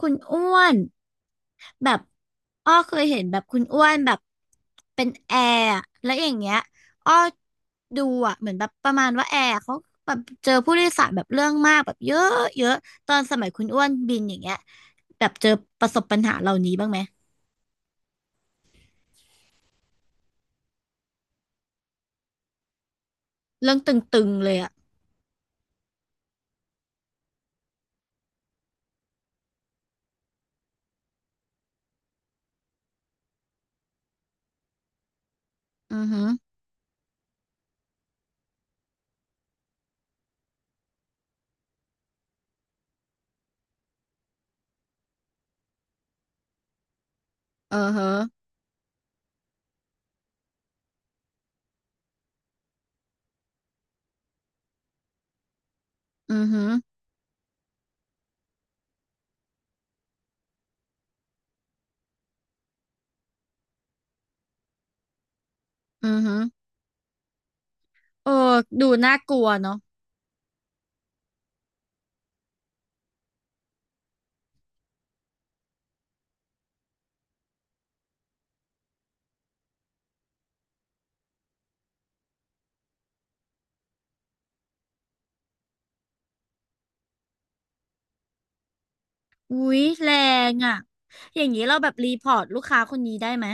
คุณอ้วนแบบอ้อเคยเห็นแบบคุณอ้วนแบบเป็นแอร์อะแล้วอย่างเงี้ยอ้อดูอ่ะเหมือนแบบประมาณว่าแอร์เขาแบบเจอผู้โดยสารแบบเรื่องมากแบบเยอะเยอะตอนสมัยคุณอ้วนบินอย่างเงี้ยแบบเจอประสบปัญหาเหล่านี้บ้างไหมเรื่องตึงๆเลยอ่ะอือหึเออฮะอือหึอือหึเออดูน่ากลัวเนาะอุ๊ยแรงอ่ะอย่างนี้เราแบบรีพอร์ตลูกค้าคนนี้ได้ไหม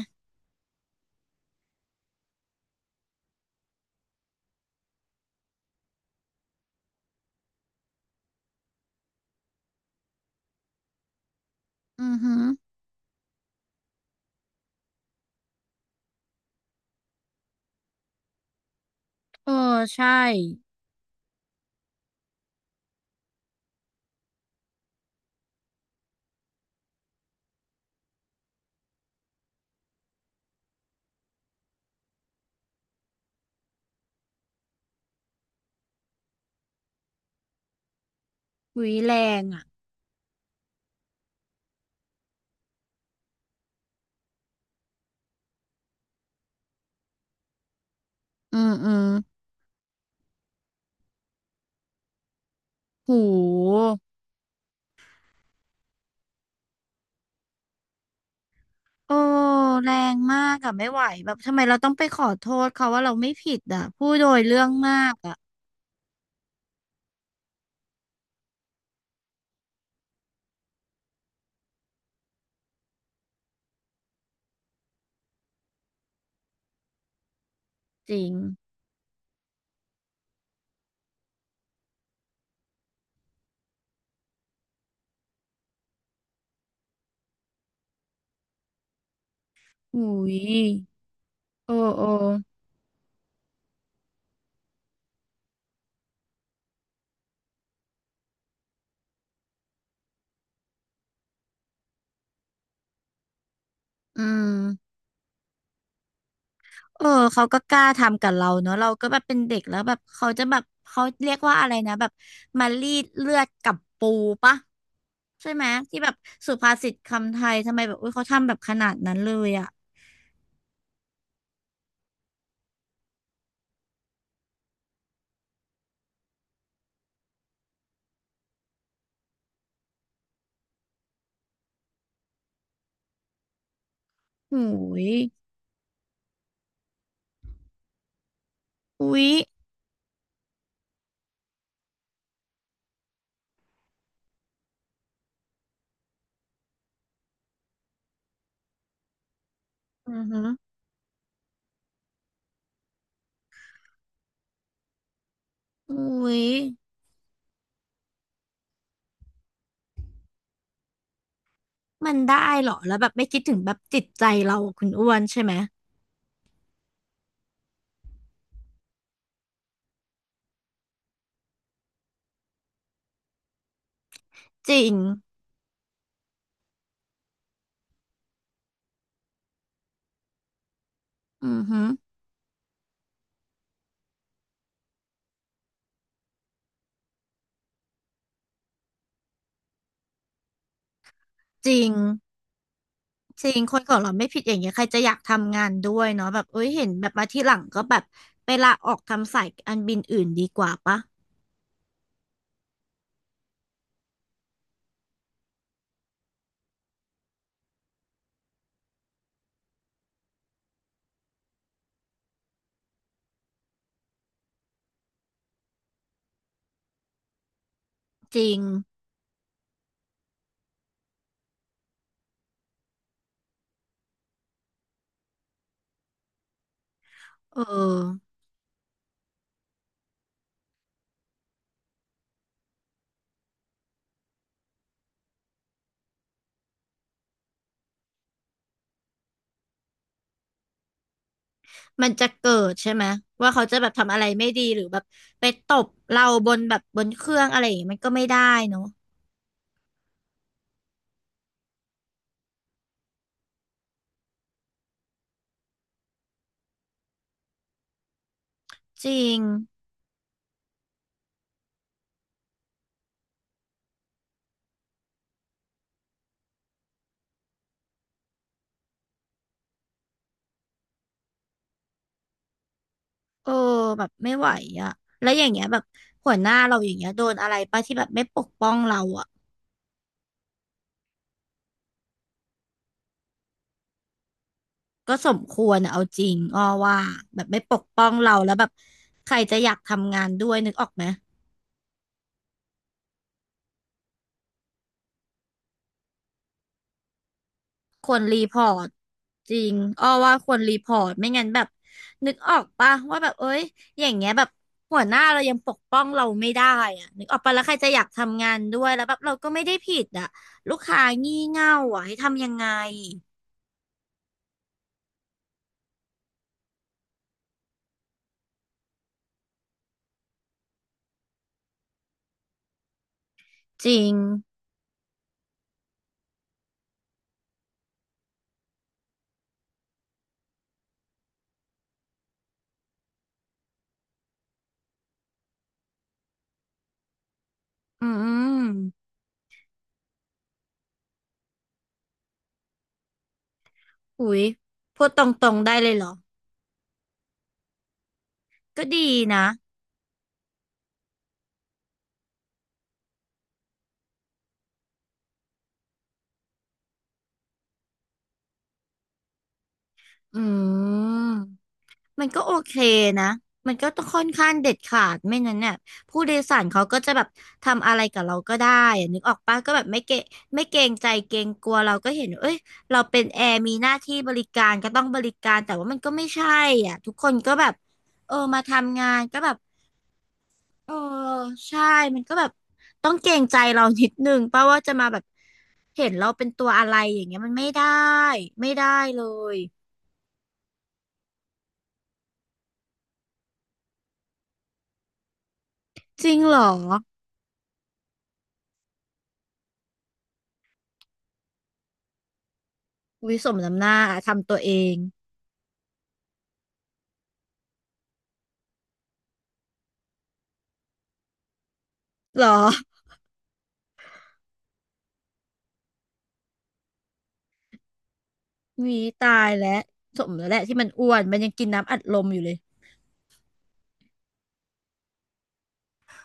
อือหึเออใช่ หุยแรงอ่ะ อืมอืมหูโอ้แรงมากอ่ะไม่ไหวแบบทำไมเราต้องไปขอโทษเขาว่าเราไม่ผิดอ่ะผู้โดยเรื่องมากอ่ะจริงหุยโอ้โอ้อืมเออเขาก็กล้าทำกับเราเนอะเราก็แบบเป็นเด็กแล้วแบบเขาจะแบบเขาเรียกว่าอะไรนะแบบมารีดเลือดกับปูปะใช่ไหมที่แบบสุภาษิตคำไทยทำไมแบบอุ้ยเขาทำแบบขนาดนั้นเลยอะหอยอุ้ยอือฮึ อุ้ยมันได้เหรอแล้วแบบไม่คิดถึงแบบจิตใจเราคุณอ้วนใช่ไหมจริงอือหือจริงจริงคนของเราไม่ผิดอย่างเงี้ยใครจะอยากทำงานด้วยเนาะแบบเอ้ยเห็นแบบมาที่หลังก็แบบไปลาออกทำสายอันบินอื่นดีกว่าปะจริงเออมันจะเกิดใช่ไหมว่าเขาจะแบบทำอะไรไม่ดีหรือแบบไปตบเราบนแบบบนเครื่องอะไรอย่างเงี้ยมันก็ไม่ได้เนาะจริง เออแบบไม่ไหวอ่ะแล้วอย่างเงี้ยแบบหัวหน้าเราอย่างเงี้ยโดนอะไรป่ะที่แบบไม่ปกป้องเราอ่ะก็สมควรอะเอาจริงอ้อว่าแบบไม่ปกป้องเราแล้วแบบใครจะอยากทำงานด้วยนึกออกไหมควรรีพอร์ตจริงอ้อว่าควรรีพอร์ตไม่งั้นแบบนึกออกป่ะว่าแบบเอ้ยอย่างเงี้ยแบบหัวหน้าเรายังปกป้องเราไม่ได้อ่ะนึกออกป่ะแล้วใครจะอยากทำงานด้วยแล้วแบบเราก็ไม่ได้ผิดอ่ะลูกค้างี่เง่าอ่ะให้ทำยังไงจริงอืม อุ๊ยพูดตรงๆได้เลยเหรอก็ดีนะอืมมันก็โอเคนะมันก็ต้องค่อนข้างเด็ดขาดไม่นั้นเนี่ยผู้โดยสารเขาก็จะแบบทำอะไรกับเราก็ได้อะนึกออกปะก็แบบไม่เกรงไม่เกรงใจเกรงกลัวเราก็เห็นว่าเอ้ยเราเป็นแอร์มีหน้าที่บริการก็ต้องบริการแต่ว่ามันก็ไม่ใช่อ่ะทุกคนก็แบบเออมาทำงานก็แบบเออใช่มันก็แบบต้องเกรงใจเรานิดนึงป่ะว่าจะมาแบบ เห็นเราเป็นตัวอะไรอย่างเงี้ยมันไม่ได้ไม่ได้เลยจริงเหรอวิสมน้ำหน้าทำตัวเองเหรอมีตายแล้วสมแล้วแหละที่มันอ้วนมันยังกินน้ำอัดลมอยู่เลย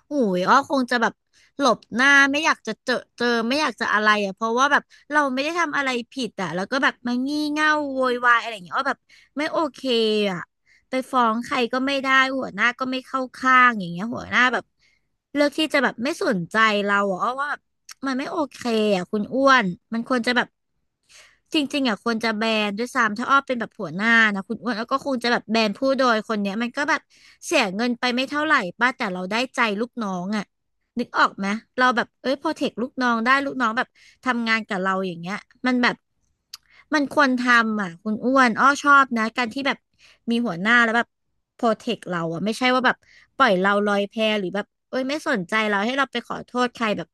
หูยอ้อคงจะแบบหลบหน้าไม่อยากจะเจอไม่อยากจะอะไรอ่ะเพราะว่าแบบเราไม่ได้ทำอะไรผิดอ่ะแล้วก็แบบมางี่เง่าโวยวายอะไรอย่างเงี้ยอ้อแบบไม่โอเคอ่ะไปฟ้องใครก็ไม่ได้หัวหน้าก็ไม่เข้าข้างอย่างเงี้ยหัวหน้าแบบเลือกที่จะแบบไม่สนใจเราอ่ะอ้อว่าแบบมันไม่โอเคอ่ะคุณอ้วนมันควรจะแบบ จริงๆอ่ะควรจะแบนด้วยซ้ำถ้าอ้อเป็นแบบหัวหน้านะคุณอ้วนแล้วก็คงจะแบบแบนผู้โดยคนเนี้ยมันก็แบบเสียเงินไปไม่เท่าไหร่ป้าแต่เราได้ใจลูกน้องอ่ะนึกออกไหมเราแบบเอ้ยโปรเทคลูกน้องได้ลูกน้องแบบทำงานกับเราอย่างเงี้ยมันแบบมันควรทำอ่ะคุณอ้วนอ้อชอบนะการที่แบบมีหัวหน้าแล้วแบบโปรเทคเราอ่ะไม่ใช่ว่าแบบปล่อยเราลอยแพหรือแบบเอ้ยไม่สนใจเราให้เราไปขอโทษใครแบบ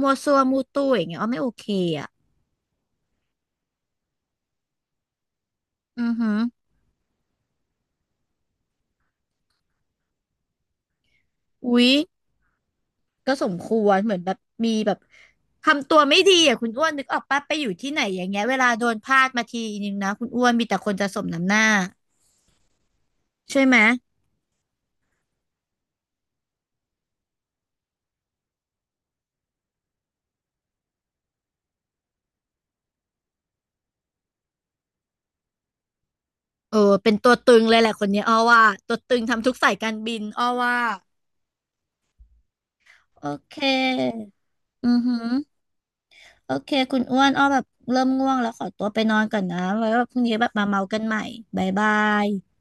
มัวซัวมูตู้อย่างเงี้ยอ้อไม่โอเคอ่ะอือหือ อุ๊ยก็สมควรเหมือนแบบมีแบบทำตัวไม่ดีอ่ะคุณอ้วนนึกออกปะไปอยู่ที่ไหนอย่างเงี้ยเวลาโดนพาดมาทีนึงนะคุณอ้วนมีแต่คนจะสมน้ำหน้าใช่ไหมเออเป็นตัวตึงเลยแหละคนเนี้ยอ้อว่าตัวตึงทำทุกสายการบินอ้อว่าโอเคอือหือโอเคคุณอ้วนอ้อแบบเริ่มง่วงแล้วขอตัวไปนอนก่อนนะไว้ว่าพรุ่งนี้แบบมาเมากันใหม่บ๊ายบาย